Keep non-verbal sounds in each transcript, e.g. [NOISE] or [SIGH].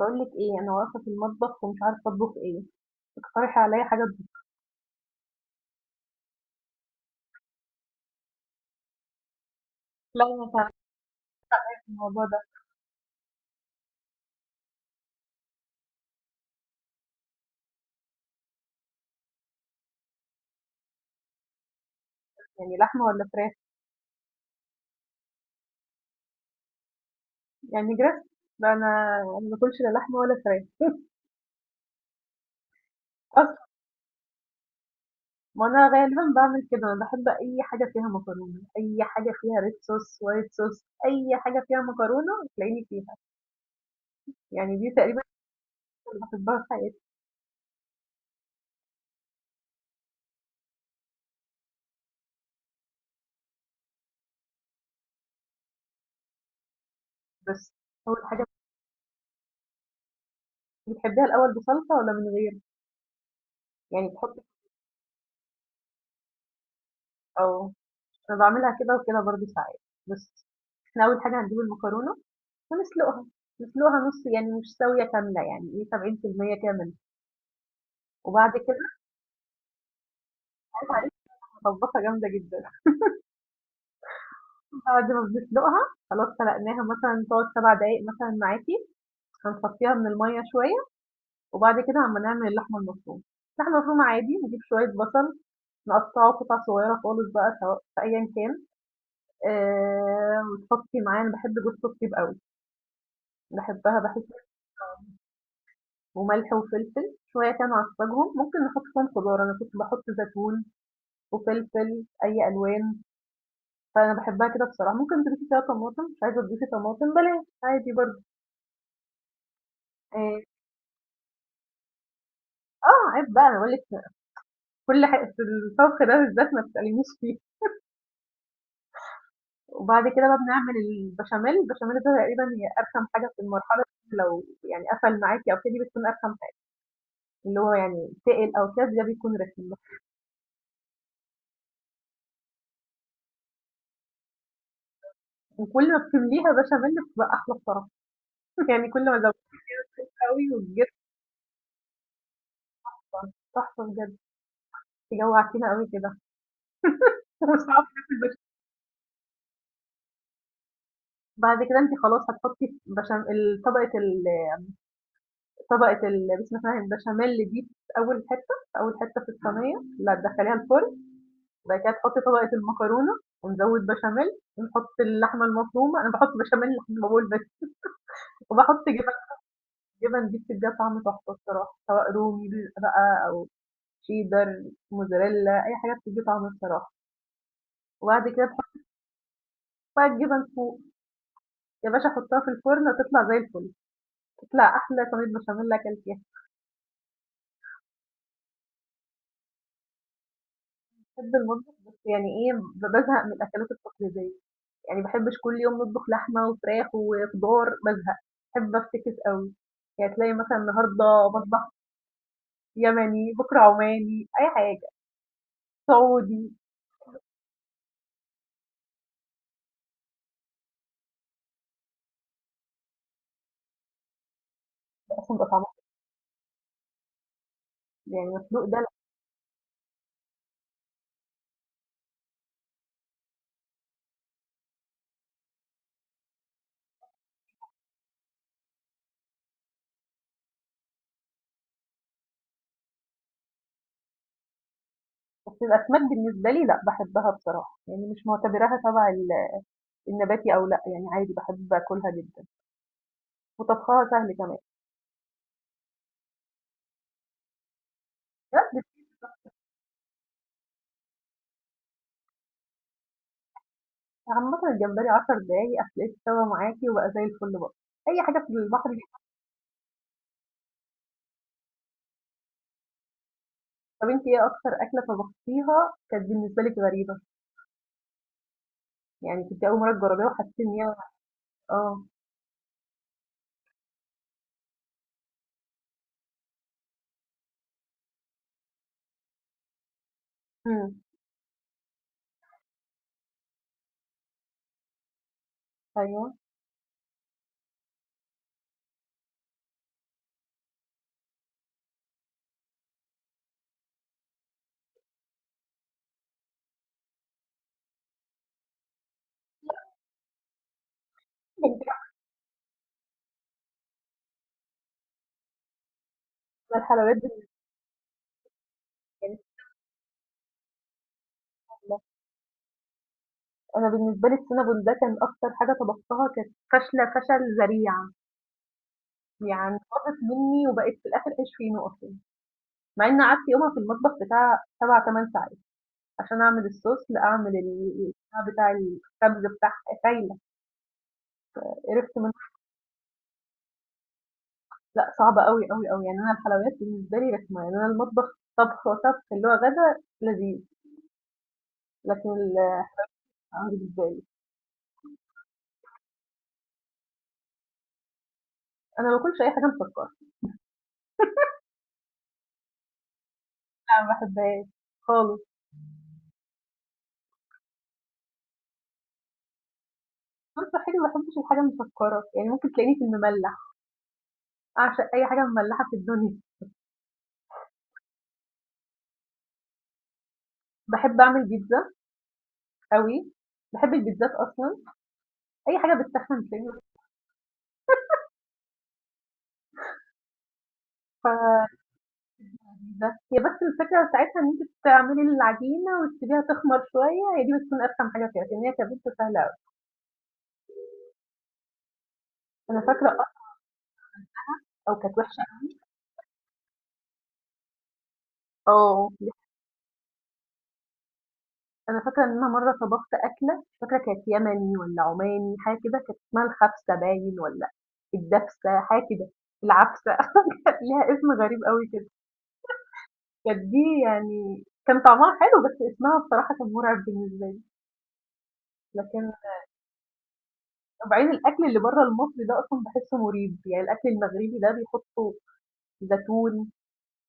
بقول لك ايه انا واقفه في المطبخ ومش عارفه اطبخ ايه. اقترحي عليا حاجه تطبخ. لا انا تعبانه في الموضوع ده. يعني لحمه ولا فراخ؟ يعني جريس. لا أنا ما باكلش لا لحمه ولا فراخ [LAUGHS] اصلا ما انا غالبا بعمل كده، انا بحب اي حاجه فيها مكرونه، اي حاجه فيها ريد صوص وايت صوص، اي حاجه فيها مكرونه تلاقيني فيها. يعني دي تقريبا اللي بحبها في حياتي. بس اول حاجه، بتحبيها الاول بصلصه ولا من غير؟ يعني تحطي او انا بعملها كده وكده برضه ساعات. بس احنا اول حاجه هنجيب المكرونه فنسلُقها، نسلُقها نُص، يعني مش ساوية كاملة، يعني إيه 70% كامل، وبعد كده بقِت عليها مطبّقة جامدة جدًا، [LAUGHS] بعد ما بنسلُقها خلاص سلقناها مثلًا تقعد 7 دقايق مثلًا معاكِ، هنصفّيها من المَيّة شوية، وبعد كده أمّا نعمل اللحمة المفرومة، اللحمة المفرومة عادي نجيب شوية بصل نقطّعه قطع صغيّرة خالص بقى سواء في أيًا كان، وتحطّي معاه، أنا باحب جوزة الطيب أوي، باحبها باحس، وملح وفلفل، شوية كده نعصّجهم، ممكن نحُط فيهم خضار، أنا كنت باحُط زيتون وفلفل، أي ألوان، فأنا باحبها كده بصراحة، ممكن تضيفي فيها طماطم، مش عايزة تضيفي طماطم بلاش عادي برضه، آآ آه، عيب بقى أنا باقول لِك كل حاجة في الطبخ ده بالذات ما تسألينيش فيه، وبعد كده بقى بنعمل البشاميل، البشاميل ده تقريبًا هي أرخم حاجة في المرحلة دي، لو يعني قفل معاكِ أو كده دي بتكون أرخم حاجة، اللي هو يعني تقل أو كده ده بيكون رخم بقى، وكل ما بتمليها بشاميل بتبقى أحلى بصراحة، [LAUGHS] يعني كل ما زودتها أوي وكبرت تحفة بجد، أنتِ جوعتينا أوي كده، [LAUGHS] ومش هاعرف آكل. بعد كده انت خلاص هتحطي بشام، طبقة ال... طبقة ال... بسم الله الرحمن، البشاميل دي في اول حتة في الصينية لا تدخليها الفرن، بعد كده تحطي طبقة المكرونة ونزود بشاميل ونحط اللحمة المفرومة، انا بحط بشاميل لحد ما بقول بس، وبحط جبن. جبن دي بتديها طعم تحفة الصراحة، سواء رومي بقى او شيدر موزاريلا، اي حاجة بتدي طعم الصراحة. وبعد كده تحط بقى الجبن فوق يا باشا، حطها في الفرن هتطلع زي الفل، تطلع احلى صينية بشاميل اكلتيها. باحب المطبخ بس يعني إيه، بازهق من الأكلات التقليدية، يعني ما باحبش كل يوم نطبخ لحمة وفراخ وخضار، بازهق، باحب أفتكس أوي، يعني تلاقي مثلًا النهارده مطبخ يمني، بكرة عماني، أي حاجة، سعودي، باحس بيبقى طعمها يعني مسلوق ده لأ، بس الأسماك بالنسبة لي لأ، باحبها بصراحة، يعني مش معتبراها تبع ال النباتي أو لأ، يعني عادي باحب آكلها جدًا وطبخها سهل كمان، بس عامةً الجمبري 10 دقايق هتلاقيه استوى معاكِ وبقى زي الفل برضه، أي حاجة في البحر. طب أنتِ إيه أكتر أكلة طبختيها كانت بالنسبة لِك غريبة؟ يعني كنتِ أول مرّة تجرّبيها وحسيتِ إن هي. آه. إمم. أيوه. [LAUGHS] أنا الحلويات بالنسبة لي سهلة، أنا بالنسبة لي الcinnamon ده كان أكتر حاجة طبختها كانت فاشلة فشل ذريع، يعني باظت منّي وبقت في الآخر عيش فينو أصلًا، مع إنّي قعدت يومها في المطبخ بتاع 7، 8 ساعات عشان أعمل الSauce لأعمل ال البتاع بتاع الخبز بتاعها، خايلة، قرفت منّه. لأ، صعبة أوي، أوي، أوي، يعني أنا الحلويات بالنسبة لي رخمة، يعني أنا المطبخ طبخ وطبخ اللي هو غدا لذيذ، لكن ال [UNINTELLIGIBLE] بالنسبة لي. أنا ما باكلش أي حاجة مسكّرة، لا ما باحبهاش خالص، أنا صحّيا ما باحبش الحاجة المسكّرة، يعني ممكن تلاقيني في المملّح، أعشق أي حاجة مملّحة في الدنيا، باحب أعمل بيتزا أوي، باحب البيتزات أصلًا، أي حاجة بتسخّن تلاقيني باعملها [UNINTELLIGIBLE] لذيذة، هي بس الفكرة بتاعتها إن أنتِ تعملي العجينة وتسيبيها تخمر شوية، هي دي بتكون أرخم حاجة فيها، لكن هي كبيتزا سهلة أوي، أنا فاكرة أصلًا أو كانت وحشة، آه، دي ح أنا فاكرة إن أنا مرّة طبخت أكلة مش فاكرة كانت يمني والّا عماني حاجة كده، كانت اسمها الخبسة باين والّا الدبسة حاجة كده، العبسة [LAUGHS] كان ليها اسم غريب أوي كده، كانت دي يعني كان طعمها حلو بس اسمها بصراحة كان مرعب بالنسبة لي، لكن بعدين الأكل اللي برّه المصري ده أصلًا باحسه مريب، يعني الأكل المغربي ده بيحطوا زيتون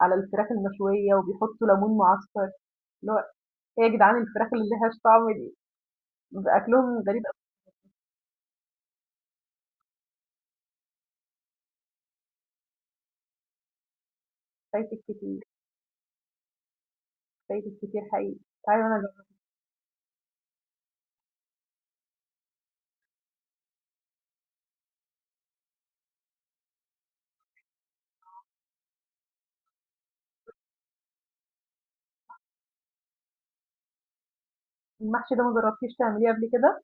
على الفراخ المشوية وبيحطوا ليمون معصفر، اللي هو إيه يا جدعان الفراخ اللي ما لهاش طعم دي؟ بيبقى أكلهم غريب أوي. فايتِك كتير. فايتك كتير حقيقي. تعالي وأنا أجرّبه. المحشي ده ما جرّبتيش تعمليه قبل كده؟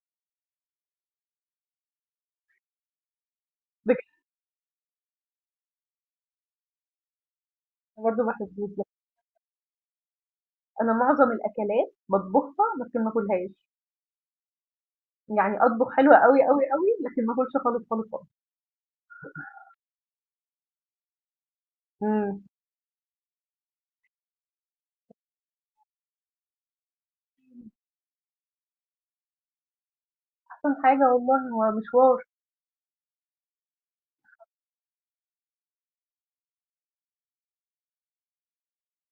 بجد. أنا برضه ما باحبوش ده. أنا معظم الأكلات باطبخها لكن ما آكلهاش. يعني أطبخ حلو أوي، أوي، أوي، لكن ما آكلش خالص، خالص، خالص. إمم. أحسن حاجة والله هو مشوار.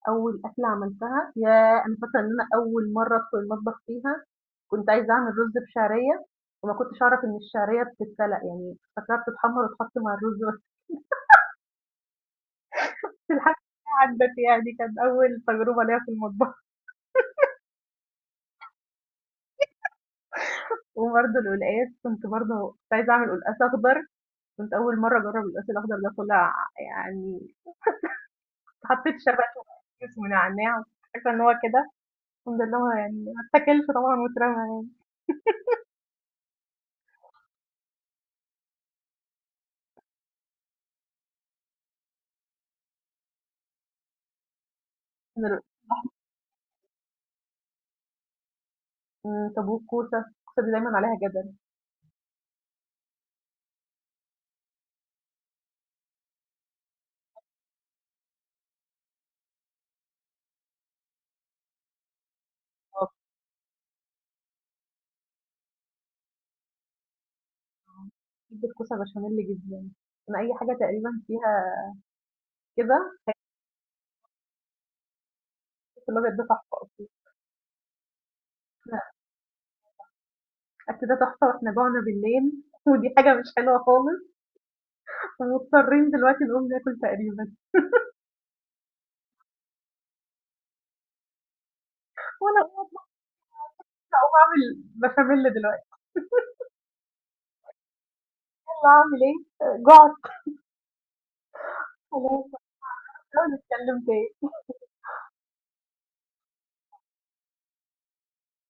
أول أكلة عملتها ياه! أنا فاكرة إن أنا أول مرّة أدخل المطبخ فيها كنت عايزة أعمل رُز بشعرية، وما كنتش أعرف إن الشعرية بتتسلق، يعني فاكراها بتتحمّر وتتحط مع الرز بس. [LAUGHS] الحاجة عدّت، يعني كانت أول تجربة ليّا في المطبخ. وبرضه القلقاس كنت، برضه كنت عايزة أعمل قلقاس أخضر، كنت أول مرة أجرب القلقاس الأخضر، ده طلع يعني حطيت شبش وكيس ونعناع، عارفة إن هو كده، الحمد لله هو يعني ما اتاكلش طبعا واترمى يعني من ال- من طابوق. كوسة، الكوسة دي دايما عليها جدل. أه، بحب الكوسة بشاميل جدا، أنا أي حاجة تقريبا فيها كده. الكوسة الأبيض ده تحفة أصلا. إحنا الأكل ده تحفة وإحنا جوعنا بالليل، [LAUGHS] ودي حاجة مش حلوة خالص، ومضطرين دلوقتي نقوم ناكل تقريبا، وأنا أقوم أطبخ أو أعمل بشاميل دلوقتي. عامل إيه؟ جُعت خلاص، هنحاول نتكلم تاني.